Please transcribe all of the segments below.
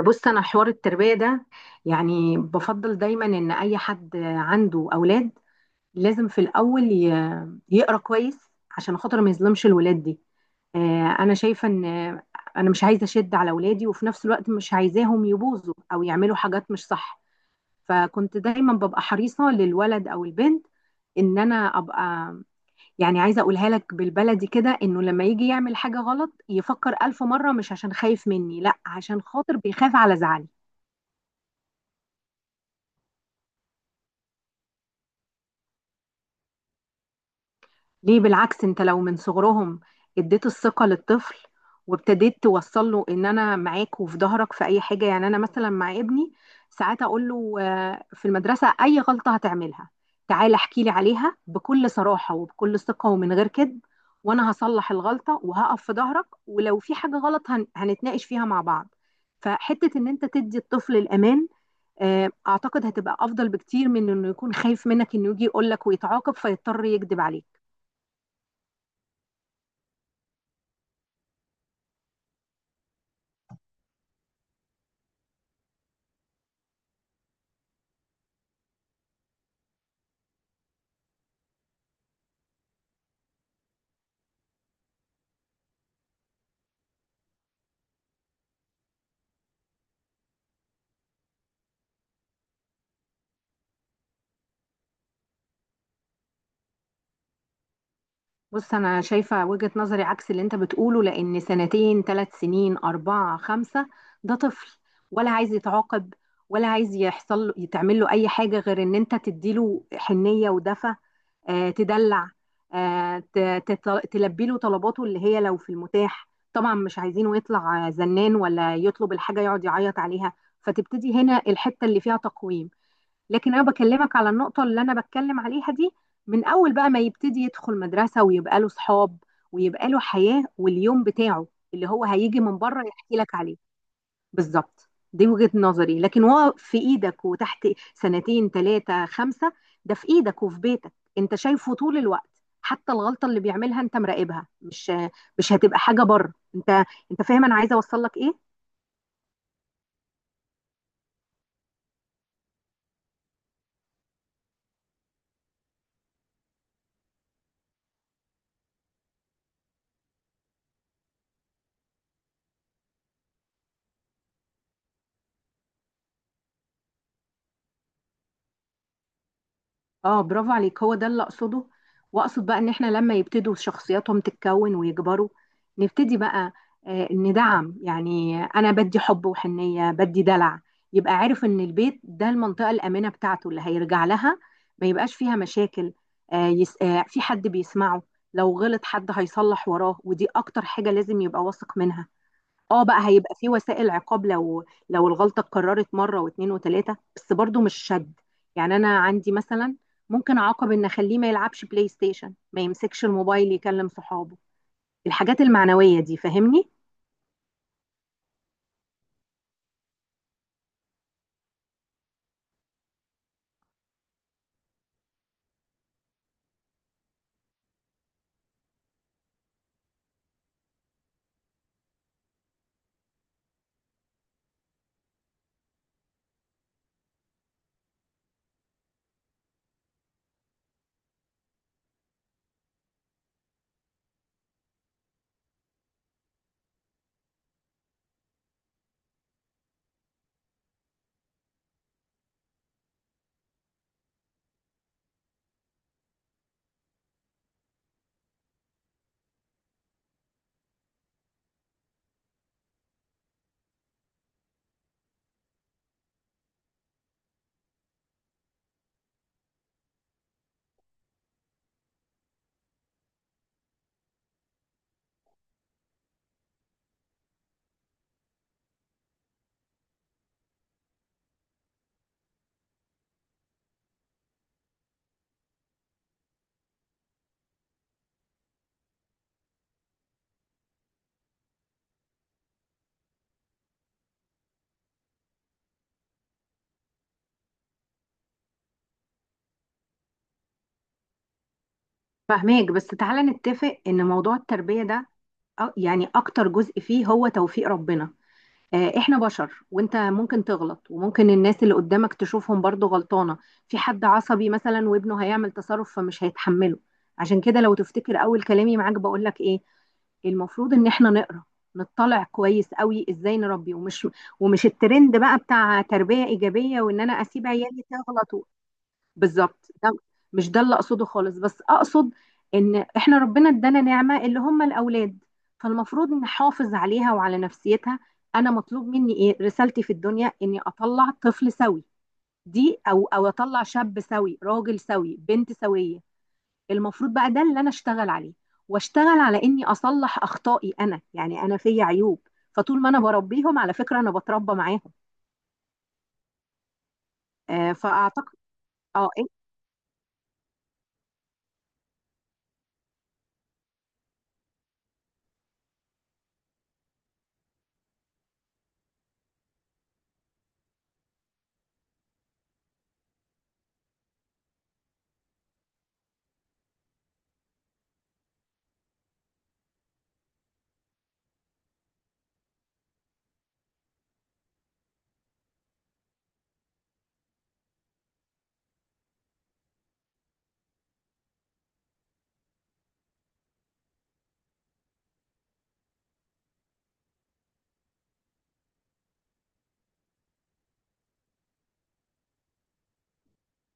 بص، انا حوار التربيه ده، يعني بفضل دايما ان اي حد عنده اولاد لازم في الاول يقرا كويس عشان خاطر ما يظلمش الولاد دي. انا شايفه ان انا مش عايزه اشد على اولادي، وفي نفس الوقت مش عايزاهم يبوظوا او يعملوا حاجات مش صح. فكنت دايما ببقى حريصه للولد او البنت ان انا ابقى، يعني عايزه اقولها لك بالبلدي كده انه لما يجي يعمل حاجه غلط يفكر الف مره، مش عشان خايف مني، لا، عشان خاطر بيخاف على زعلي. ليه؟ بالعكس، انت لو من صغرهم اديت الثقة للطفل وابتديت توصل له ان انا معاك وفي ظهرك في اي حاجة. يعني انا مثلا مع ابني ساعات اقول له، في المدرسة اي غلطة هتعملها تعال احكي لي عليها بكل صراحة وبكل ثقة ومن غير كذب، وانا هصلح الغلطة وهقف في ظهرك، ولو في حاجة غلط هنتناقش فيها مع بعض. فحتة ان انت تدي الطفل الامان، اعتقد هتبقى افضل بكتير من انه يكون خايف منك انه يجي يقولك ويتعاقب فيضطر يكذب عليك. بص، أنا شايفة وجهة نظري عكس اللي أنت بتقوله، لأن سنتين 3 سنين أربعة خمسة ده طفل، ولا عايز يتعاقب ولا عايز يحصل له يتعمل له أي حاجة غير إن أنت تديله حنية ودفى، تدلع، تلبي له طلباته اللي هي لو في المتاح. طبعا مش عايزينه يطلع زنان ولا يطلب الحاجة يقعد يعيط عليها. فتبتدي هنا الحتة اللي فيها تقويم. لكن انا بكلمك على النقطه اللي انا بتكلم عليها دي، من اول بقى ما يبتدي يدخل مدرسه ويبقى له صحاب ويبقى له حياه واليوم بتاعه اللي هو هيجي من بره يحكي لك عليه. بالظبط دي وجهه نظري. لكن هو في ايدك وتحت سنتين ثلاثه خمسه ده في ايدك وفي بيتك، انت شايفه طول الوقت، حتى الغلطه اللي بيعملها انت مراقبها، مش هتبقى حاجه بره انت. انت فاهم انا عايزه اوصل لك ايه؟ اه، برافو عليك، هو ده اللي اقصده. واقصد بقى ان احنا لما يبتدوا شخصياتهم تتكون ويكبروا نبتدي بقى ندعم. يعني انا بدي حب وحنية بدي دلع، يبقى عارف ان البيت ده المنطقة الآمنة بتاعته اللي هيرجع لها، ما يبقاش فيها مشاكل، يس، في حد بيسمعه، لو غلط حد هيصلح وراه، ودي اكتر حاجة لازم يبقى واثق منها. اه بقى هيبقى في وسائل عقاب لو الغلطة اتكررت مرة واتنين وتلاتة، بس برضو مش شد. يعني انا عندي مثلا، ممكن اعاقب ان اخليه ما يلعبش بلاي ستيشن، ما يمسكش الموبايل يكلم صحابه، الحاجات المعنوية دي، فاهمني؟ فاهماك. بس تعالى نتفق ان موضوع التربية ده يعني اكتر جزء فيه هو توفيق ربنا. احنا بشر وانت ممكن تغلط، وممكن الناس اللي قدامك تشوفهم برضو غلطانة، في حد عصبي مثلا وابنه هيعمل تصرف فمش هيتحمله. عشان كده لو تفتكر اول كلامي معاك بقولك ايه؟ المفروض ان احنا نقرا، نطلع كويس قوي ازاي نربي، ومش الترند بقى بتاع تربية ايجابية وان انا اسيب عيالي تغلط. بالظبط ده، مش ده اللي اقصده خالص، بس اقصد ان احنا ربنا ادانا نعمه اللي هم الاولاد، فالمفروض نحافظ عليها وعلى نفسيتها. انا مطلوب مني ايه؟ رسالتي في الدنيا اني اطلع طفل سوي، دي او اطلع شاب سوي راجل سوي بنت سويه. المفروض بقى ده اللي انا اشتغل عليه، واشتغل على اني اصلح اخطائي. انا يعني انا فيا عيوب، فطول ما انا بربيهم، على فكره، انا بتربى معاهم. فاعتقد. اه، إيه؟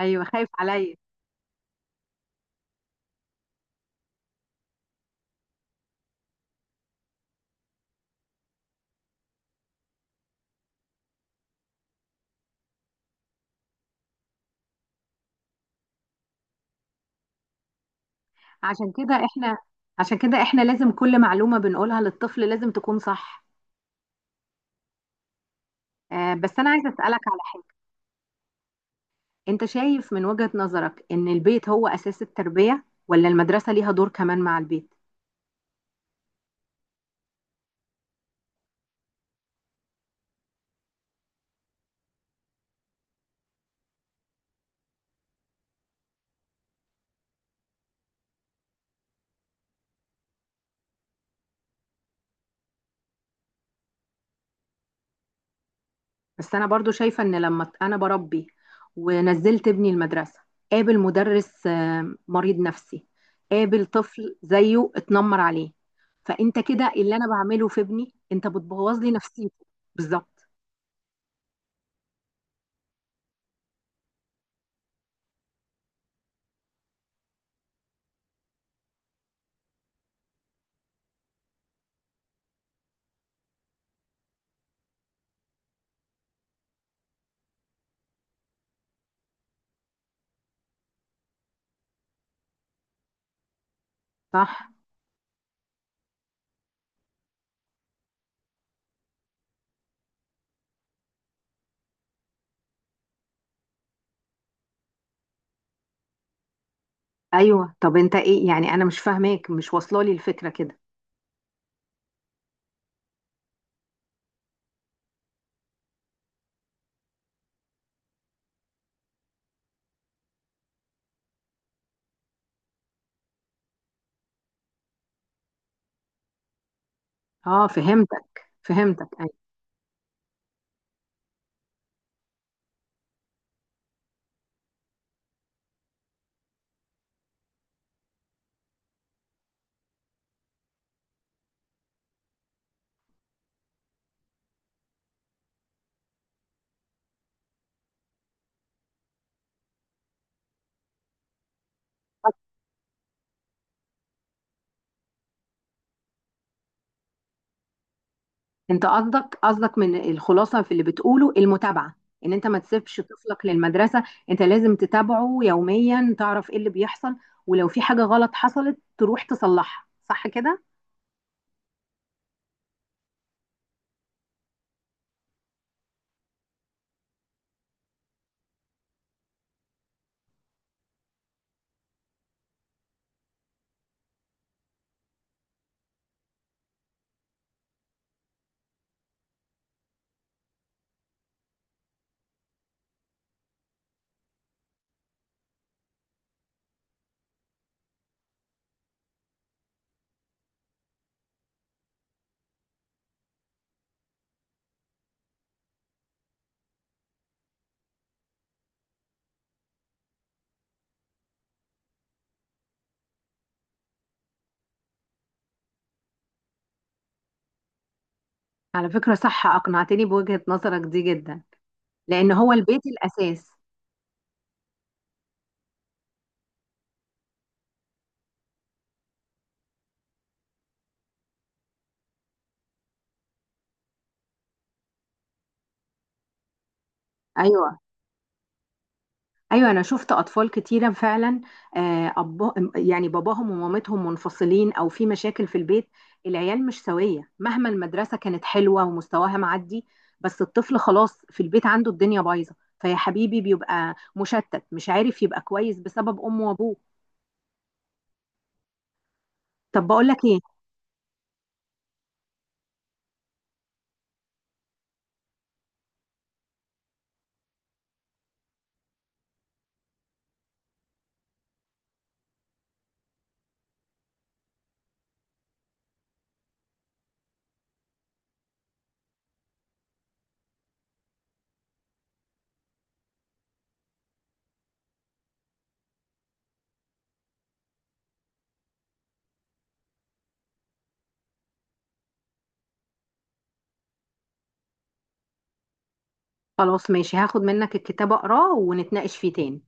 ايوه، خايف عليا. عشان كده احنا عشان كده احنا لازم كل معلومة بنقولها للطفل لازم تكون صح. بس انا عايزة اسألك على حاجة. انت شايف من وجهة نظرك ان البيت هو اساس التربية، ولا المدرسة ليها دور كمان مع البيت؟ بس انا برضو شايفة ان لما انا بربي ونزلت ابني المدرسة، قابل مدرس مريض نفسي، قابل طفل زيه اتنمر عليه، فانت كده اللي انا بعمله في ابني انت بتبوظ لي نفسيته. بالظبط. صح. ايوه، طب انت ايه يعني؟ انا مش فاهماك، مش واصله لي الفكره كده. اه، فهمتك فهمتك. ايوه، انت قصدك قصدك من الخلاصه في اللي بتقوله المتابعه، ان انت ما تسيبش طفلك للمدرسه، انت لازم تتابعه يوميا تعرف ايه اللي بيحصل، ولو في حاجه غلط حصلت تروح تصلحها، صح كده؟ على فكره، صح، اقنعتني بوجهه نظرك دي جدا، لان هو البيت الاساس. ايوه ايوه، انا شفت اطفال كتيره فعلا. يعني باباهم ومامتهم منفصلين او في مشاكل في البيت، العيال مش سويه، مهما المدرسه كانت حلوه ومستواها معدي، بس الطفل خلاص في البيت عنده الدنيا بايظه، فيا حبيبي بيبقى مشتت مش عارف يبقى كويس بسبب امه وابوه. طب بقول لك ايه، خلاص ماشي، هاخد منك الكتاب اقراه ونتناقش فيه تاني.